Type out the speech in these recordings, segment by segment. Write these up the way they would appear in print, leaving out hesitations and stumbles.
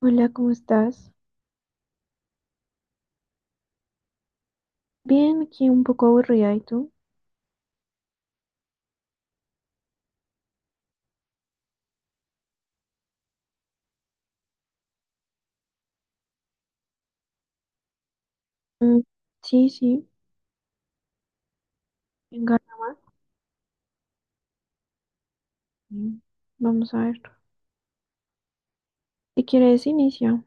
Hola, ¿cómo estás? Bien, aquí un poco aburrida, ¿y tú? Mm, sí, sí, venga, mm, vamos a ver. Si quieres, inicia.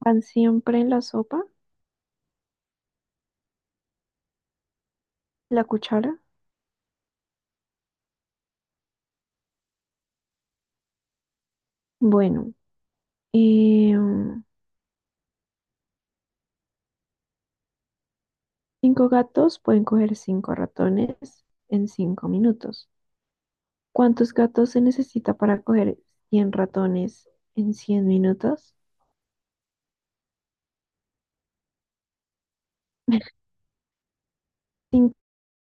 ¿Van siempre en la sopa? ¿La cuchara? Bueno, eh, mm, cinco gatos pueden coger cinco ratones en 5 minutos. ¿Cuántos gatos se necesita para coger 100 ratones en 100 minutos? Cinco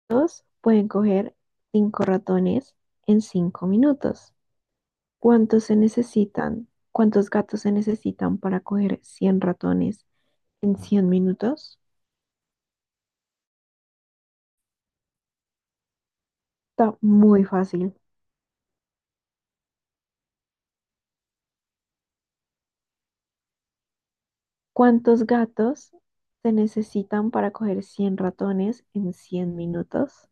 gatos pueden coger cinco ratones en cinco minutos. ¿Cuántos se necesitan? ¿Cuántos gatos se necesitan para coger 100 ratones en 100 minutos? Está muy fácil. ¿Cuántos gatos se necesitan para coger 100 ratones en 100 minutos?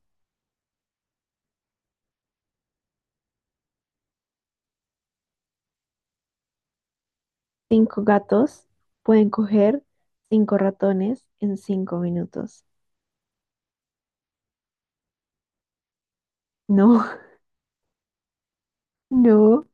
5 gatos pueden coger 5 ratones en cinco minutos. No, no,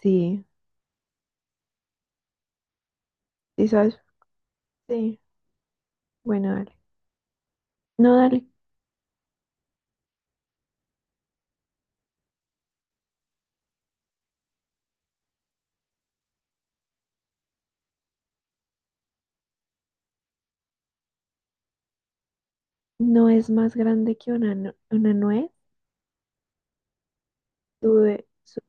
sí. ¿Sí sabes? Sí. Bueno, dale. No, dale. No es más grande que una nuez. Tuve su-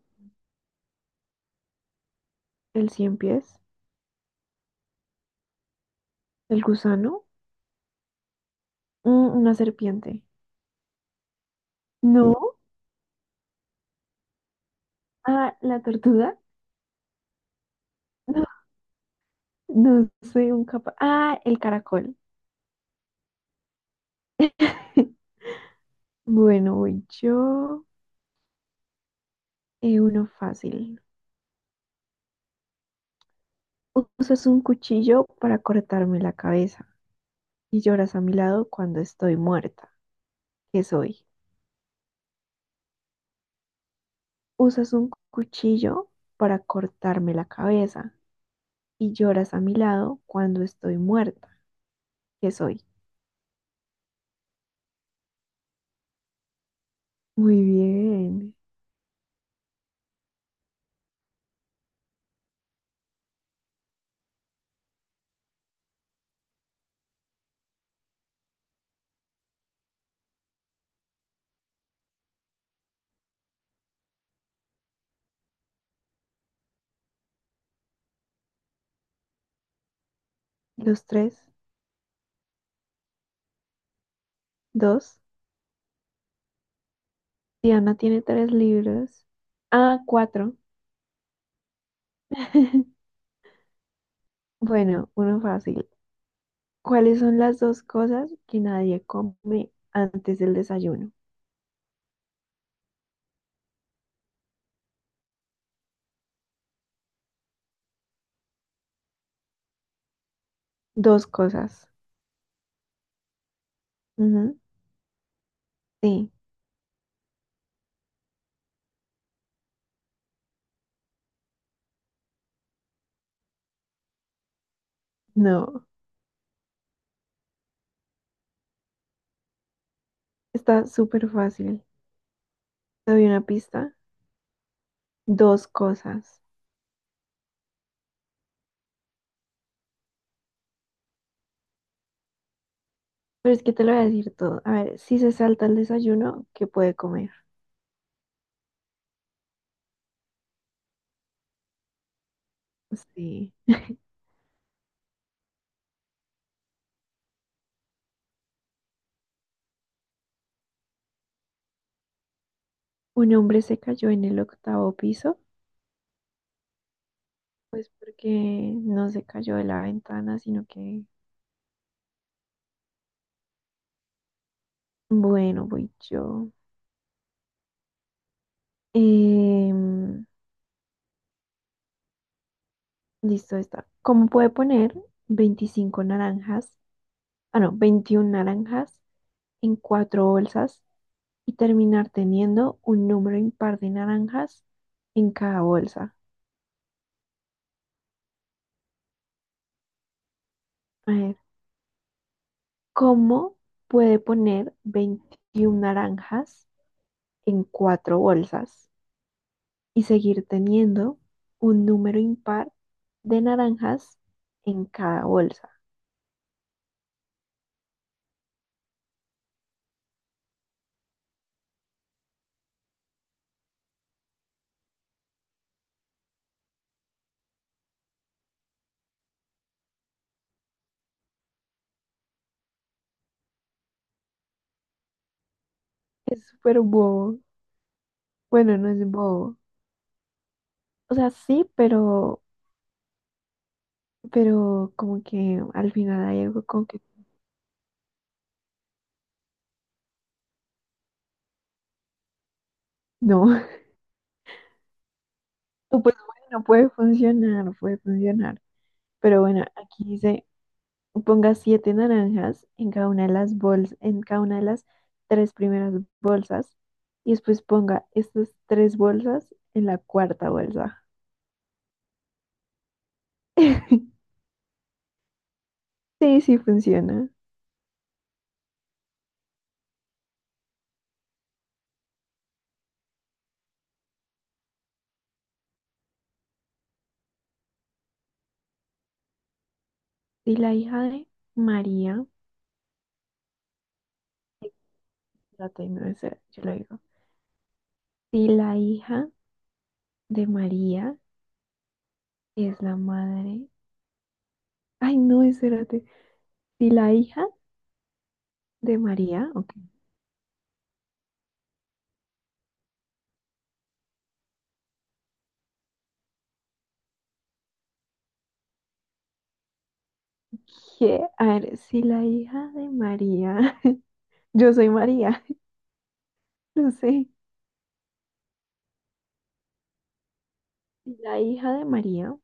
el cien pies, el gusano. Una serpiente. No. Ah, la tortuga. No, no soy un capaz. Ah, el caracol. Bueno, voy yo. Uno fácil. Usas un cuchillo para cortarme la cabeza y lloras a mi lado cuando estoy muerta. ¿Qué soy? Usas un cuchillo para cortarme la cabeza y lloras a mi lado cuando estoy muerta. ¿Qué soy? Muy bien. Los tres, dos. Diana tiene tres libros. Ah, cuatro. Bueno, uno fácil. ¿Cuáles son las dos cosas que nadie come antes del desayuno? Dos cosas. Ujú, sí, no. Está súper fácil. Te doy una pista. Dos cosas. Pero es que te lo voy a decir todo. A ver, si se salta el desayuno, ¿qué puede comer? Sí. Un hombre se cayó en el octavo piso, pues porque no se cayó de la ventana, sino que, bueno, voy yo. Em, listo, está. ¿Cómo puede poner 25 naranjas, ah, no, 21 naranjas en cuatro bolsas y terminar teniendo un número impar de naranjas en cada bolsa? A ver, ¿cómo puede poner 21 naranjas en cuatro bolsas y seguir teniendo un número impar de naranjas en cada bolsa? Es súper bobo. Bueno, no es bobo. O sea, sí, pero como que al final hay algo como que no. O pues bueno, puede funcionar, puede funcionar. Pero bueno, aquí dice, ponga siete naranjas en cada una de las bolsas, en cada una de las tres primeras bolsas, y después ponga estas tres bolsas en la cuarta bolsa. Sí, sí funciona. Si la hija de María, espérate, no, esa yo lo digo. Si la hija de María es la madre. Ay, no, espérate. Si la hija de María, ok. ¿Qué? A ver, si la hija de María, yo soy María, no sé. Si la hija de María,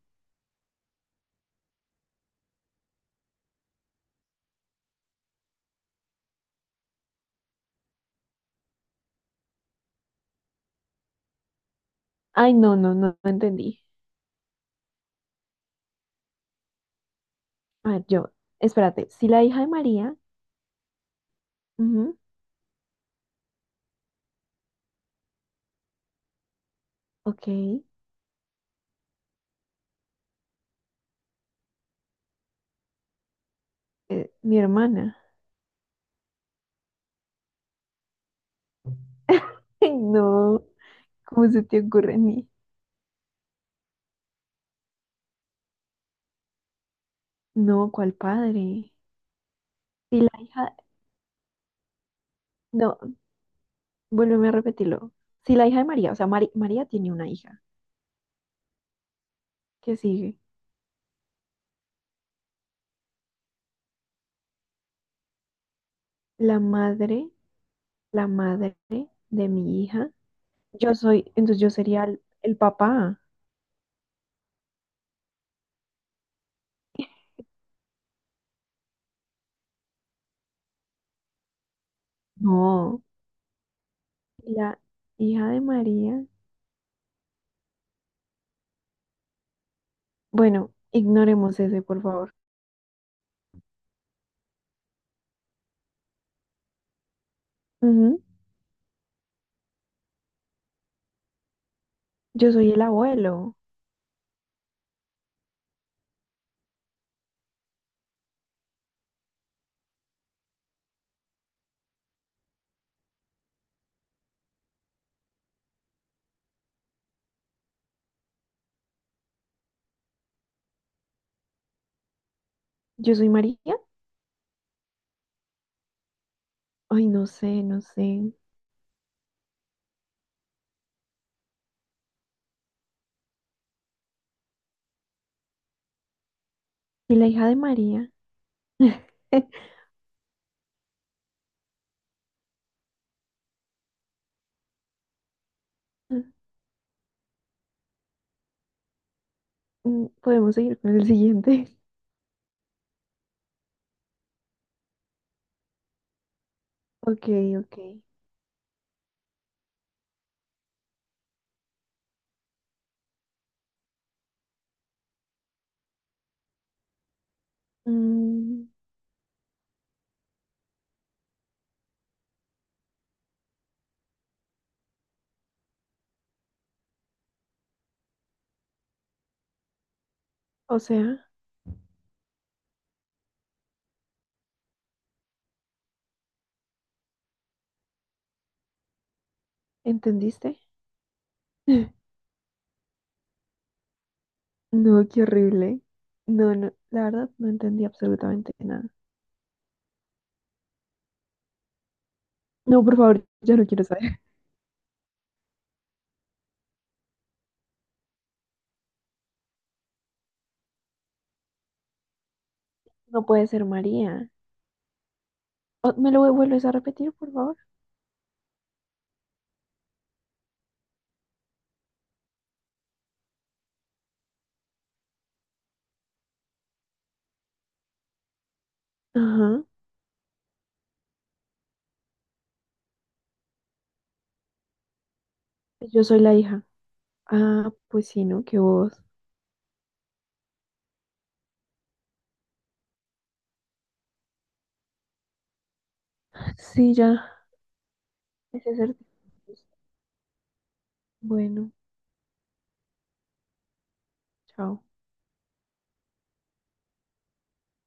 ay, no, no, no, no entendí. Ah, yo, espérate. Si la hija de María, ujú, ok, mi hermana. Ay, no, ¿cómo se te ocurre ni? No, ¿cuál padre? Si la hija, no, vuélveme a repetirlo. Si la hija de María, o sea, María tiene una hija. ¿Qué sigue? La madre, la madre de mi hija, yo soy, entonces yo sería el papá. No, la hija de María. Bueno, ignoremos ese, por favor. Ujú. Yo soy el abuelo. Yo soy María. Ay, no sé, no sé. Y la hija de María. Podemos seguir con el siguiente. Ok, ok. Mm, o sea, ¿entendiste? No, qué horrible. No, no, la verdad no entendí absolutamente nada. No, por favor, yo no quiero saber. No puede ser María. Oh, ¿me lo vuelves a repetir, por favor? Ajá. Yo soy la hija. Ah, pues sí, ¿no? Que vos. Sí, ya. Ese ser. Bueno, chao.